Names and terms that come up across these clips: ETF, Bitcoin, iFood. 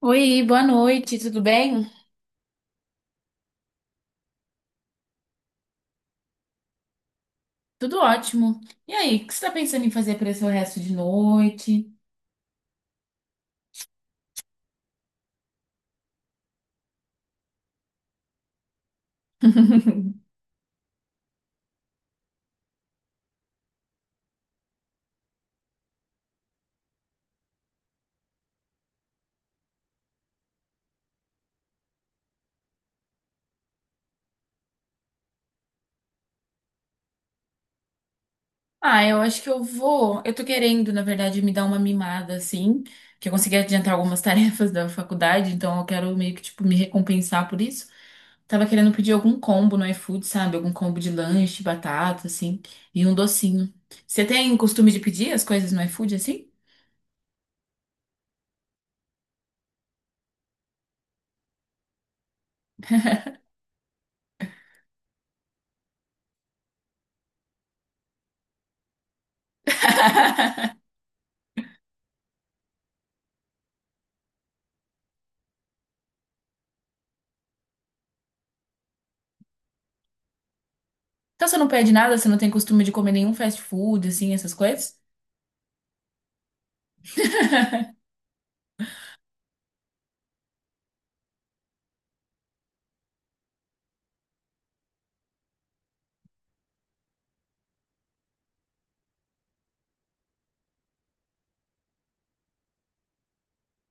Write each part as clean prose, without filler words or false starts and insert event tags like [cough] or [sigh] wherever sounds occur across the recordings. Oi, boa noite, tudo bem? Tudo ótimo. E aí, o que você está pensando em fazer para esse resto de noite? [laughs] Ah, eu acho que eu vou. Eu tô querendo, na verdade, me dar uma mimada, assim, que eu consegui adiantar algumas [laughs] tarefas da faculdade, então eu quero meio que, tipo, me recompensar por isso. Tava querendo pedir algum combo no iFood, sabe? Algum combo de lanche, batata, assim, e um docinho. Você tem costume de pedir as coisas no iFood, assim? [laughs] Então você não pede nada, você não tem costume de comer nenhum fast food, assim, essas coisas?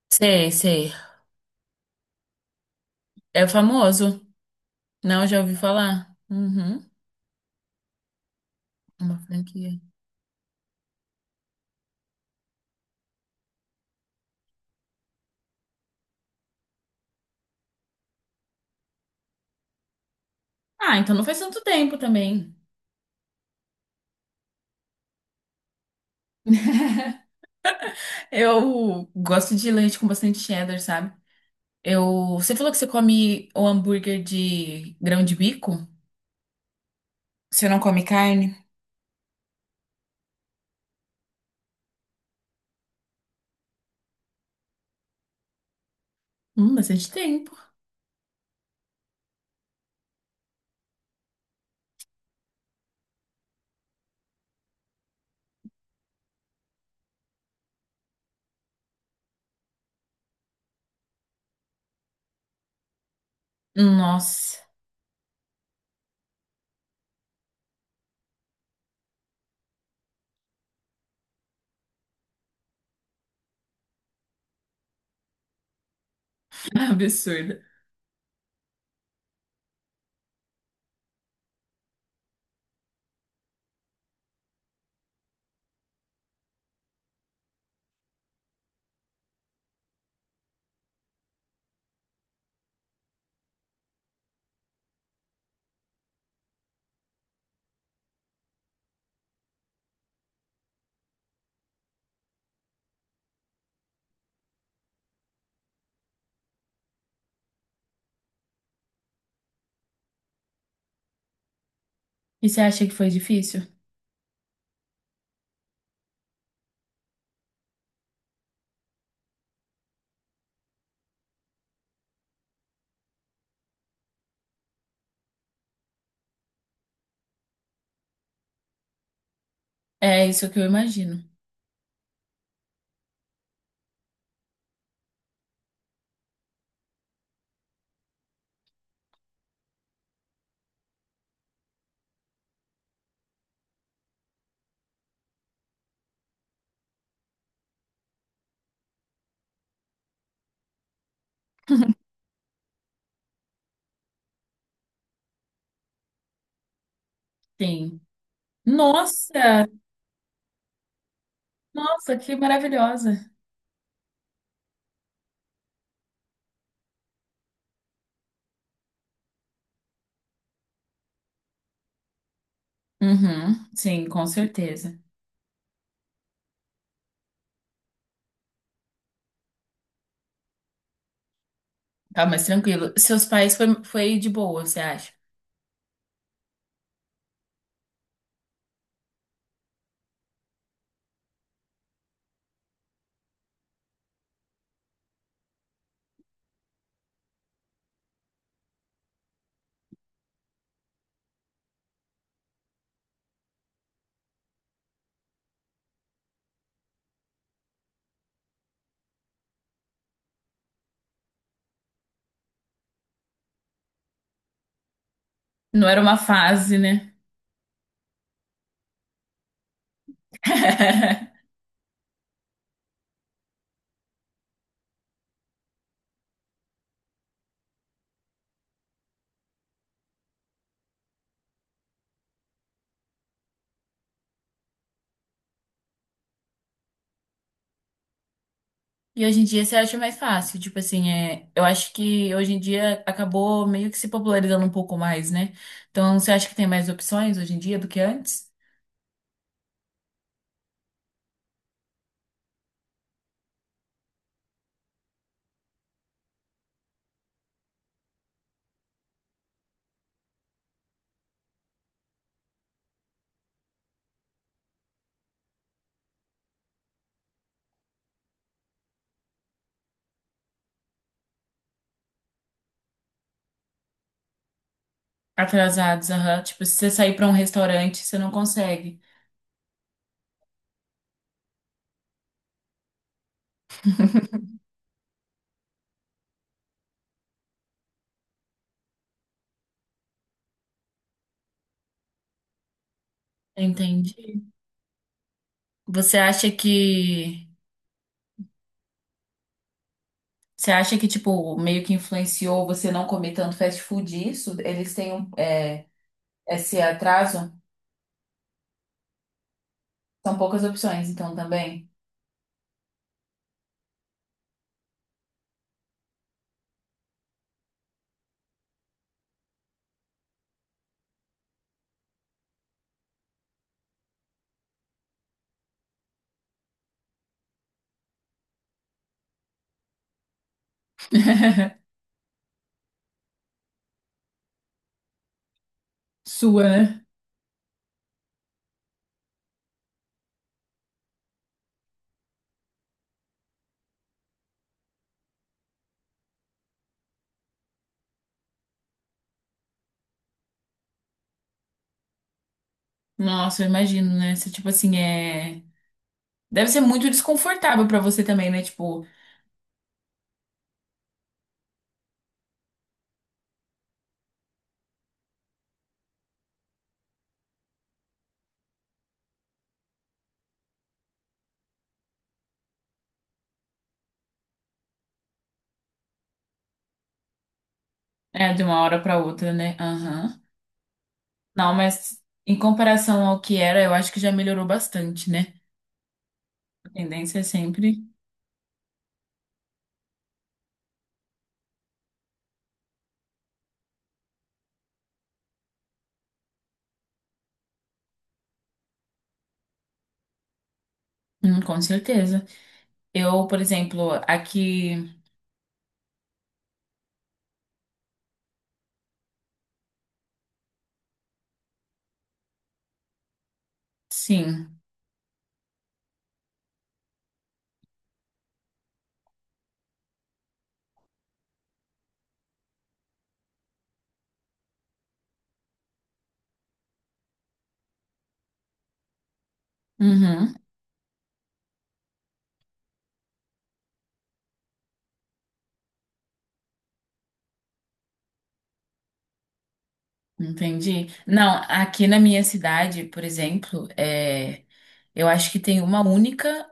Sei, sei. É famoso. Não, já ouvi falar. Uhum. Uma franquia. Ah, então não faz tanto tempo também. [laughs] Eu gosto de leite com bastante cheddar, sabe? Você falou que você come o hambúrguer de grão de bico? Você não come carne? Bastante tempo. Nossa, [laughs] que absurdo. E você acha que foi difícil? É isso que eu imagino. Sim. Nossa, nossa, que maravilhosa. Uhum, sim, com certeza. Tá mais tranquilo. Seus pais foi de boa, você acha? Não era uma fase, né? [laughs] E hoje em dia você acha mais fácil, tipo assim, eu acho que hoje em dia acabou meio que se popularizando um pouco mais, né? Então você acha que tem mais opções hoje em dia do que antes? Atrasados, aham. Tipo, se você sair pra um restaurante, você não consegue. Entendi. Você acha que você acha que tipo meio que influenciou você não comer tanto fast food isso? Eles têm um, esse atraso? São poucas opções, então, também. [laughs] Sua, né? Nossa, eu imagino, né? Você, tipo assim. Deve ser muito desconfortável pra você também, né? Tipo, é de uma hora pra outra, né? Aham. Não, mas em comparação ao que era, eu acho que já melhorou bastante, né? A tendência é sempre. Com certeza. Eu, por exemplo, aqui. Sim. Uhum. Entendi. Não, aqui na minha cidade, por exemplo. Eu acho que tem uma única,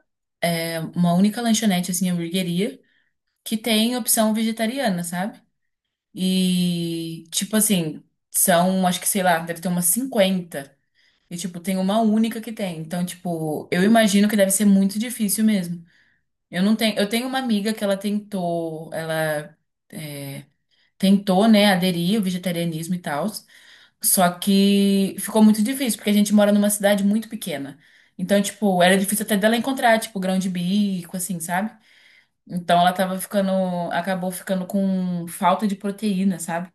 é, uma única lanchonete, assim, hamburgueria. Que tem opção vegetariana, sabe? E, tipo assim, são, acho que sei lá, deve ter umas 50 E, tipo, tem uma única que tem. Então, tipo, eu imagino que deve ser muito difícil mesmo. Eu não tenho. Eu tenho uma amiga que ela tentou, ela é, tentou, né, aderir ao vegetarianismo e tal. Só que ficou muito difícil, porque a gente mora numa cidade muito pequena. Então, tipo, era difícil até dela encontrar, tipo, grão de bico, assim, sabe? Então ela acabou ficando com falta de proteína, sabe?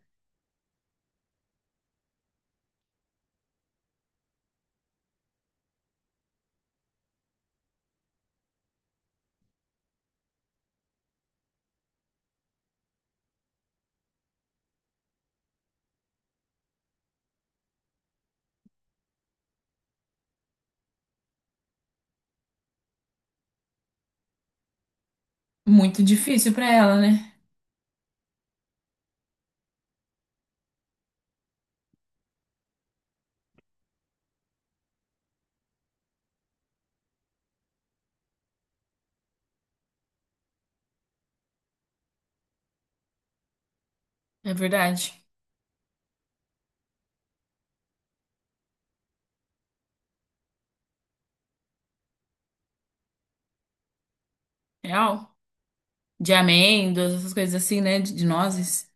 Muito difícil pra ela, né? É verdade. Real. De amêndoas, essas coisas assim, né? De nozes.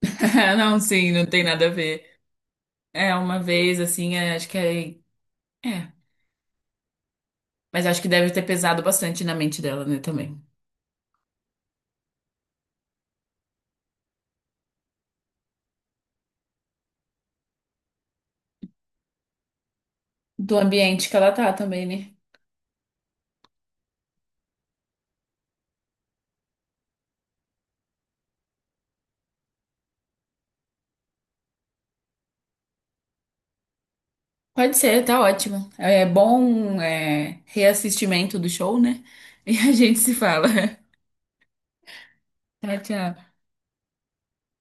[laughs] Não, sim, não tem nada a ver. É, uma vez, assim, acho que é. É. Mas acho que deve ter pesado bastante na mente dela, né, também. Do ambiente que ela tá também, né? Pode ser, tá ótimo. É bom, reassistimento do show, né? [laughs] E a gente se fala. [laughs] Tchau, tchau.